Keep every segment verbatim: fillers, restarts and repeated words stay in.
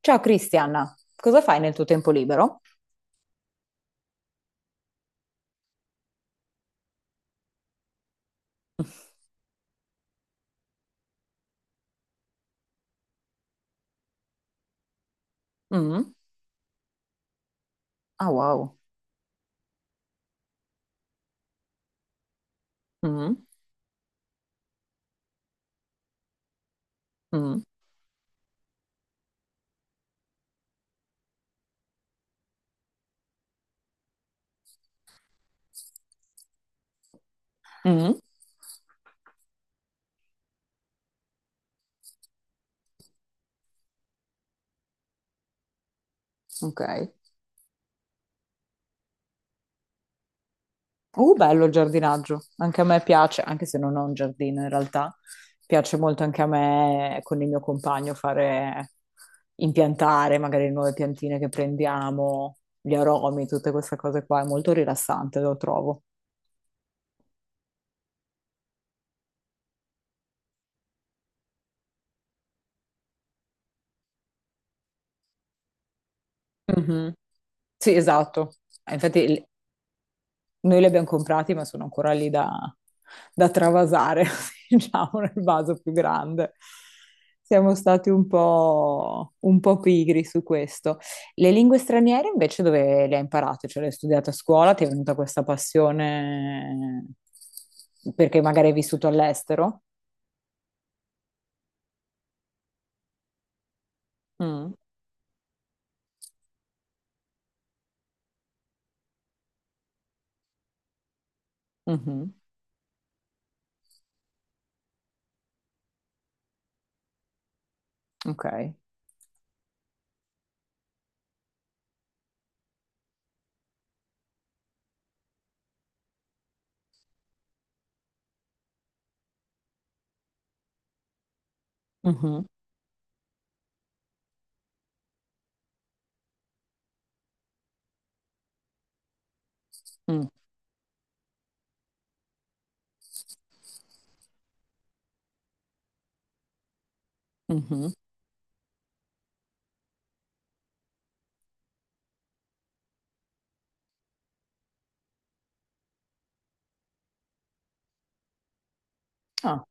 Ciao Cristian, cosa fai nel tuo tempo libero? Mm. Ah, wow. Mm. Mm. Mm. Ok. Uh, bello il giardinaggio. Anche a me piace, anche se non ho un giardino in realtà. Piace molto anche a me con il mio compagno fare impiantare magari le nuove piantine che prendiamo, gli aromi, tutte queste cose qua. È molto rilassante, lo trovo. Mhm. Sì, esatto. Infatti noi li abbiamo comprati, ma sono ancora lì da, da travasare, diciamo, nel vaso più grande. Siamo stati un po', un po' pigri su questo. Le lingue straniere invece dove le hai imparate? Cioè le hai studiate a scuola? Ti è venuta questa passione perché magari hai vissuto all'estero? Mm, mhm. Ok. Mhm, mm, mhm. Ah,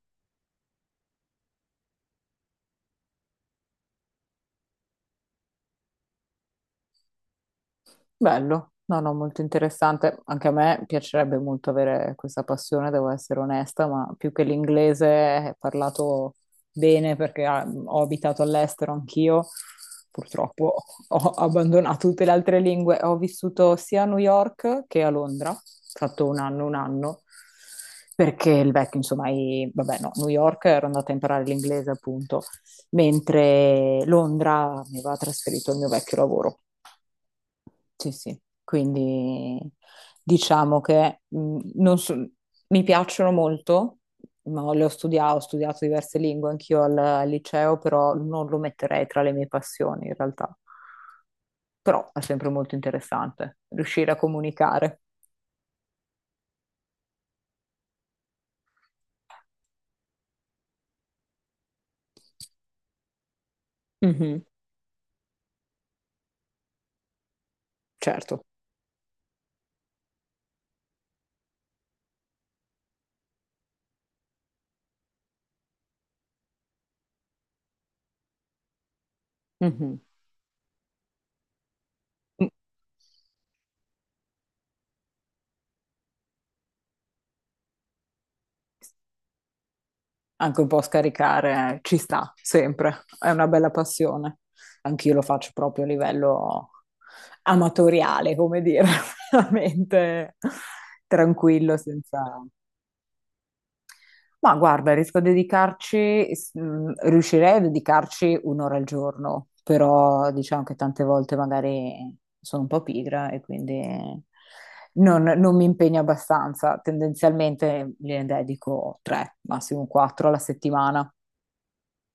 bello, no, no, molto interessante. Anche a me piacerebbe molto avere questa passione, devo essere onesta, ma più che l'inglese eh, è parlato bene perché ah, ho abitato all'estero anch'io. Purtroppo ho abbandonato tutte le altre lingue. Ho vissuto sia a New York che a Londra, ho fatto un anno, un anno, perché il vecchio, insomma, i- vabbè, no, New York ero andata a imparare l'inglese appunto, mentre Londra mi aveva trasferito il mio vecchio lavoro. Sì, sì, quindi diciamo che mh, non so- mi piacciono molto, ma le ho studiato, ho studiato diverse lingue anch'io al, al liceo, però non lo metterei tra le mie passioni in realtà. Però è sempre molto interessante riuscire a comunicare. Mhm, certo. Mhm. Anche un po' scaricare, eh, ci sta sempre, è una bella passione. Anch'io lo faccio proprio a livello amatoriale, come dire, veramente tranquillo, senza... Ma guarda, riesco a dedicarci, s- mh, riuscirei a dedicarci un'ora al giorno, però diciamo che tante volte magari sono un po' pigra e quindi non, non mi impegno abbastanza. Tendenzialmente ne dedico tre, massimo quattro alla settimana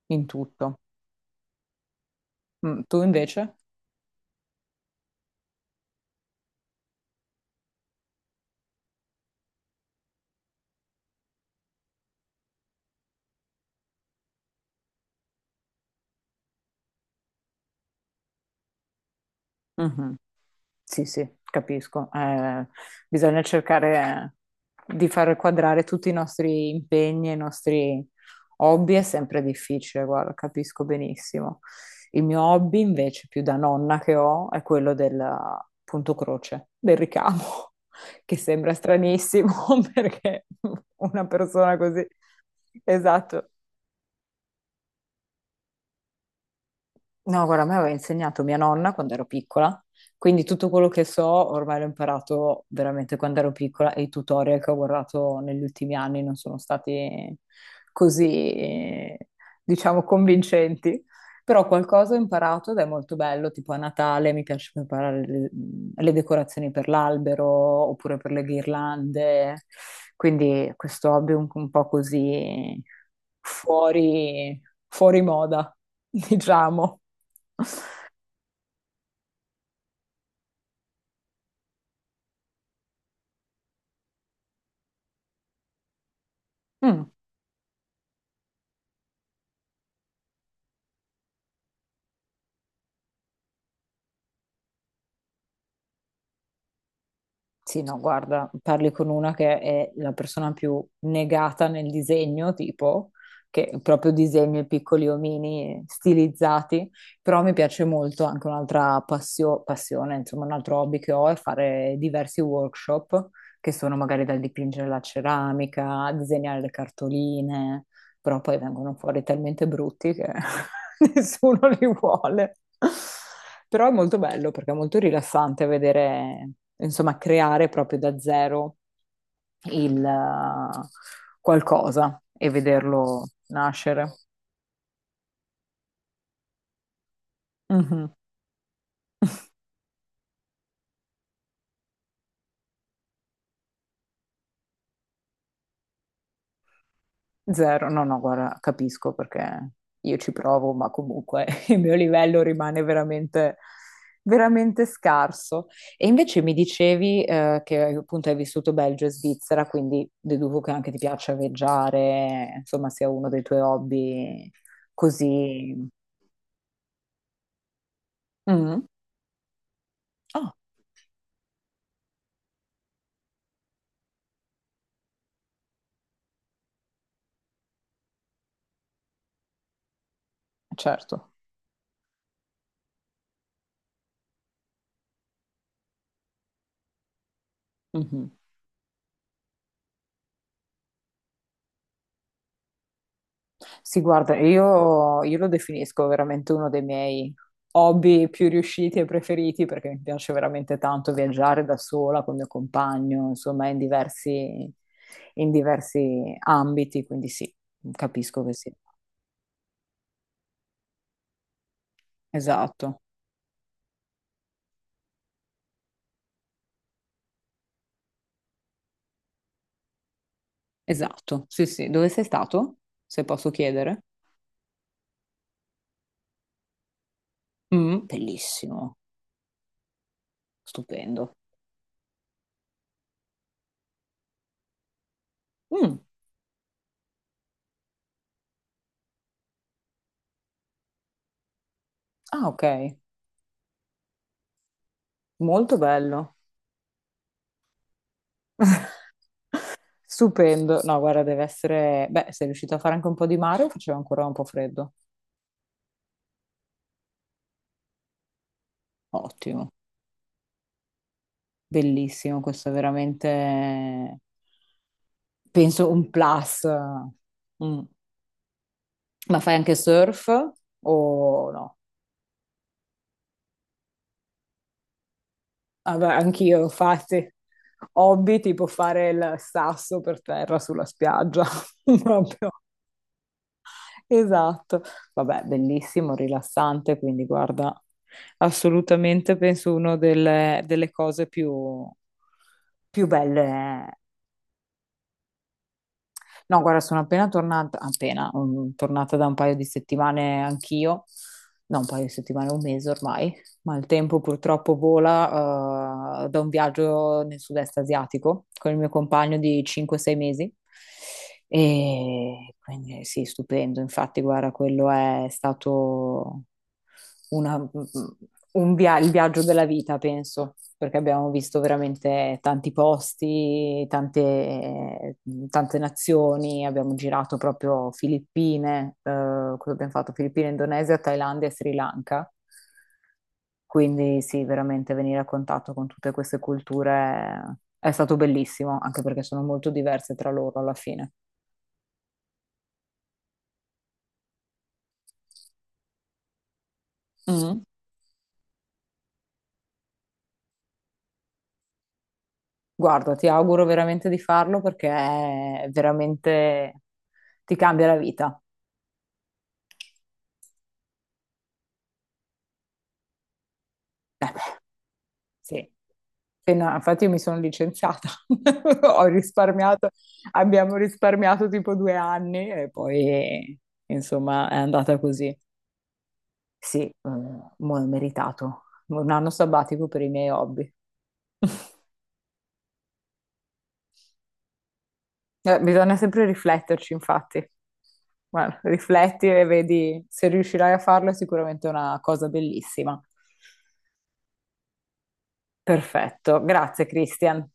in tutto. Mm, tu invece? Mhm. Sì, sì, capisco. Eh, bisogna cercare di far quadrare tutti i nostri impegni e i nostri hobby, è sempre difficile, guarda, capisco benissimo. Il mio hobby invece, più da nonna che ho, è quello del punto croce, del ricamo, che sembra stranissimo perché una persona così... Esatto. No, guarda, a me aveva insegnato mia nonna quando ero piccola, quindi tutto quello che so ormai l'ho imparato veramente quando ero piccola e i tutorial che ho guardato negli ultimi anni non sono stati così, diciamo, convincenti. Però qualcosa ho imparato ed è molto bello, tipo a Natale mi piace preparare le, le decorazioni per l'albero oppure per le ghirlande, quindi questo hobby un, un po' così fuori, fuori moda, diciamo. Mm. Sì, no, guarda, parli con una che è la persona più negata nel disegno, tipo, che proprio disegna i piccoli omini stilizzati, però mi piace molto anche un'altra passio- passione, insomma, un altro hobby che ho è fare diversi workshop, che sono magari dal dipingere la ceramica, a disegnare le cartoline però poi vengono fuori talmente brutti che nessuno li vuole. Però è molto bello perché è molto rilassante vedere, insomma, creare proprio da zero il eh, qualcosa e vederlo nascere. Mhm. Zero, no, no, guarda, capisco perché io ci provo, ma comunque il mio livello rimane veramente, veramente scarso. E invece mi dicevi, eh, che appunto hai vissuto Belgio e Svizzera, quindi deduco che anche ti piaccia viaggiare, insomma, sia uno dei tuoi hobby così. Mm. Ah, certo. Mhm. Sì, guarda, io, io lo definisco veramente uno dei miei hobby più riusciti e preferiti perché mi piace veramente tanto viaggiare da sola con il mio compagno, insomma, in diversi, in diversi ambiti, quindi sì, capisco che sì. Esatto, esatto. Sì, sì. Dove sei stato? Se posso chiedere. Mm, bellissimo, stupendo. Mm. Ah, ok, molto bello. Stupendo. No, guarda, deve essere... Beh, sei riuscito a fare anche un po' di mare o faceva ancora un po' freddo? Ottimo, bellissimo, questo è veramente, penso, un plus. Mm. Ma fai anche surf o no? Vabbè, anch'io, infatti, hobby tipo fare il sasso per terra sulla spiaggia, proprio. Esatto. Vabbè, bellissimo, rilassante, quindi guarda, assolutamente penso una delle, delle cose più, più belle. No, guarda, sono appena tornata, appena, mm, tornata da un paio di settimane anch'io, no, un paio di settimane, un mese ormai, ma il tempo purtroppo vola, eh, da un viaggio nel sud-est asiatico con il mio compagno di cinque o sei mesi. E quindi sì, stupendo. Infatti, guarda, quello è stato una- un via- il viaggio della vita, penso, perché abbiamo visto veramente tanti posti, tante, tante nazioni, abbiamo girato proprio Filippine, eh, cosa abbiamo fatto? Filippine, Indonesia, Thailandia e Sri Lanka. Quindi sì, veramente venire a contatto con tutte queste culture è stato bellissimo, anche perché sono molto diverse tra loro alla fine. Mhm. Guarda, ti auguro veramente di farlo perché è veramente ti cambia la vita. Sì. Appena- Infatti, io mi sono licenziata, ho risparmiato, abbiamo risparmiato tipo due anni e poi insomma è andata così. Sì, eh, mo è meritato. Un anno sabbatico per i miei hobby. Eh, bisogna sempre rifletterci, infatti. Guarda, rifletti e vedi se riuscirai a farlo, è sicuramente una cosa bellissima. Perfetto, grazie Christian.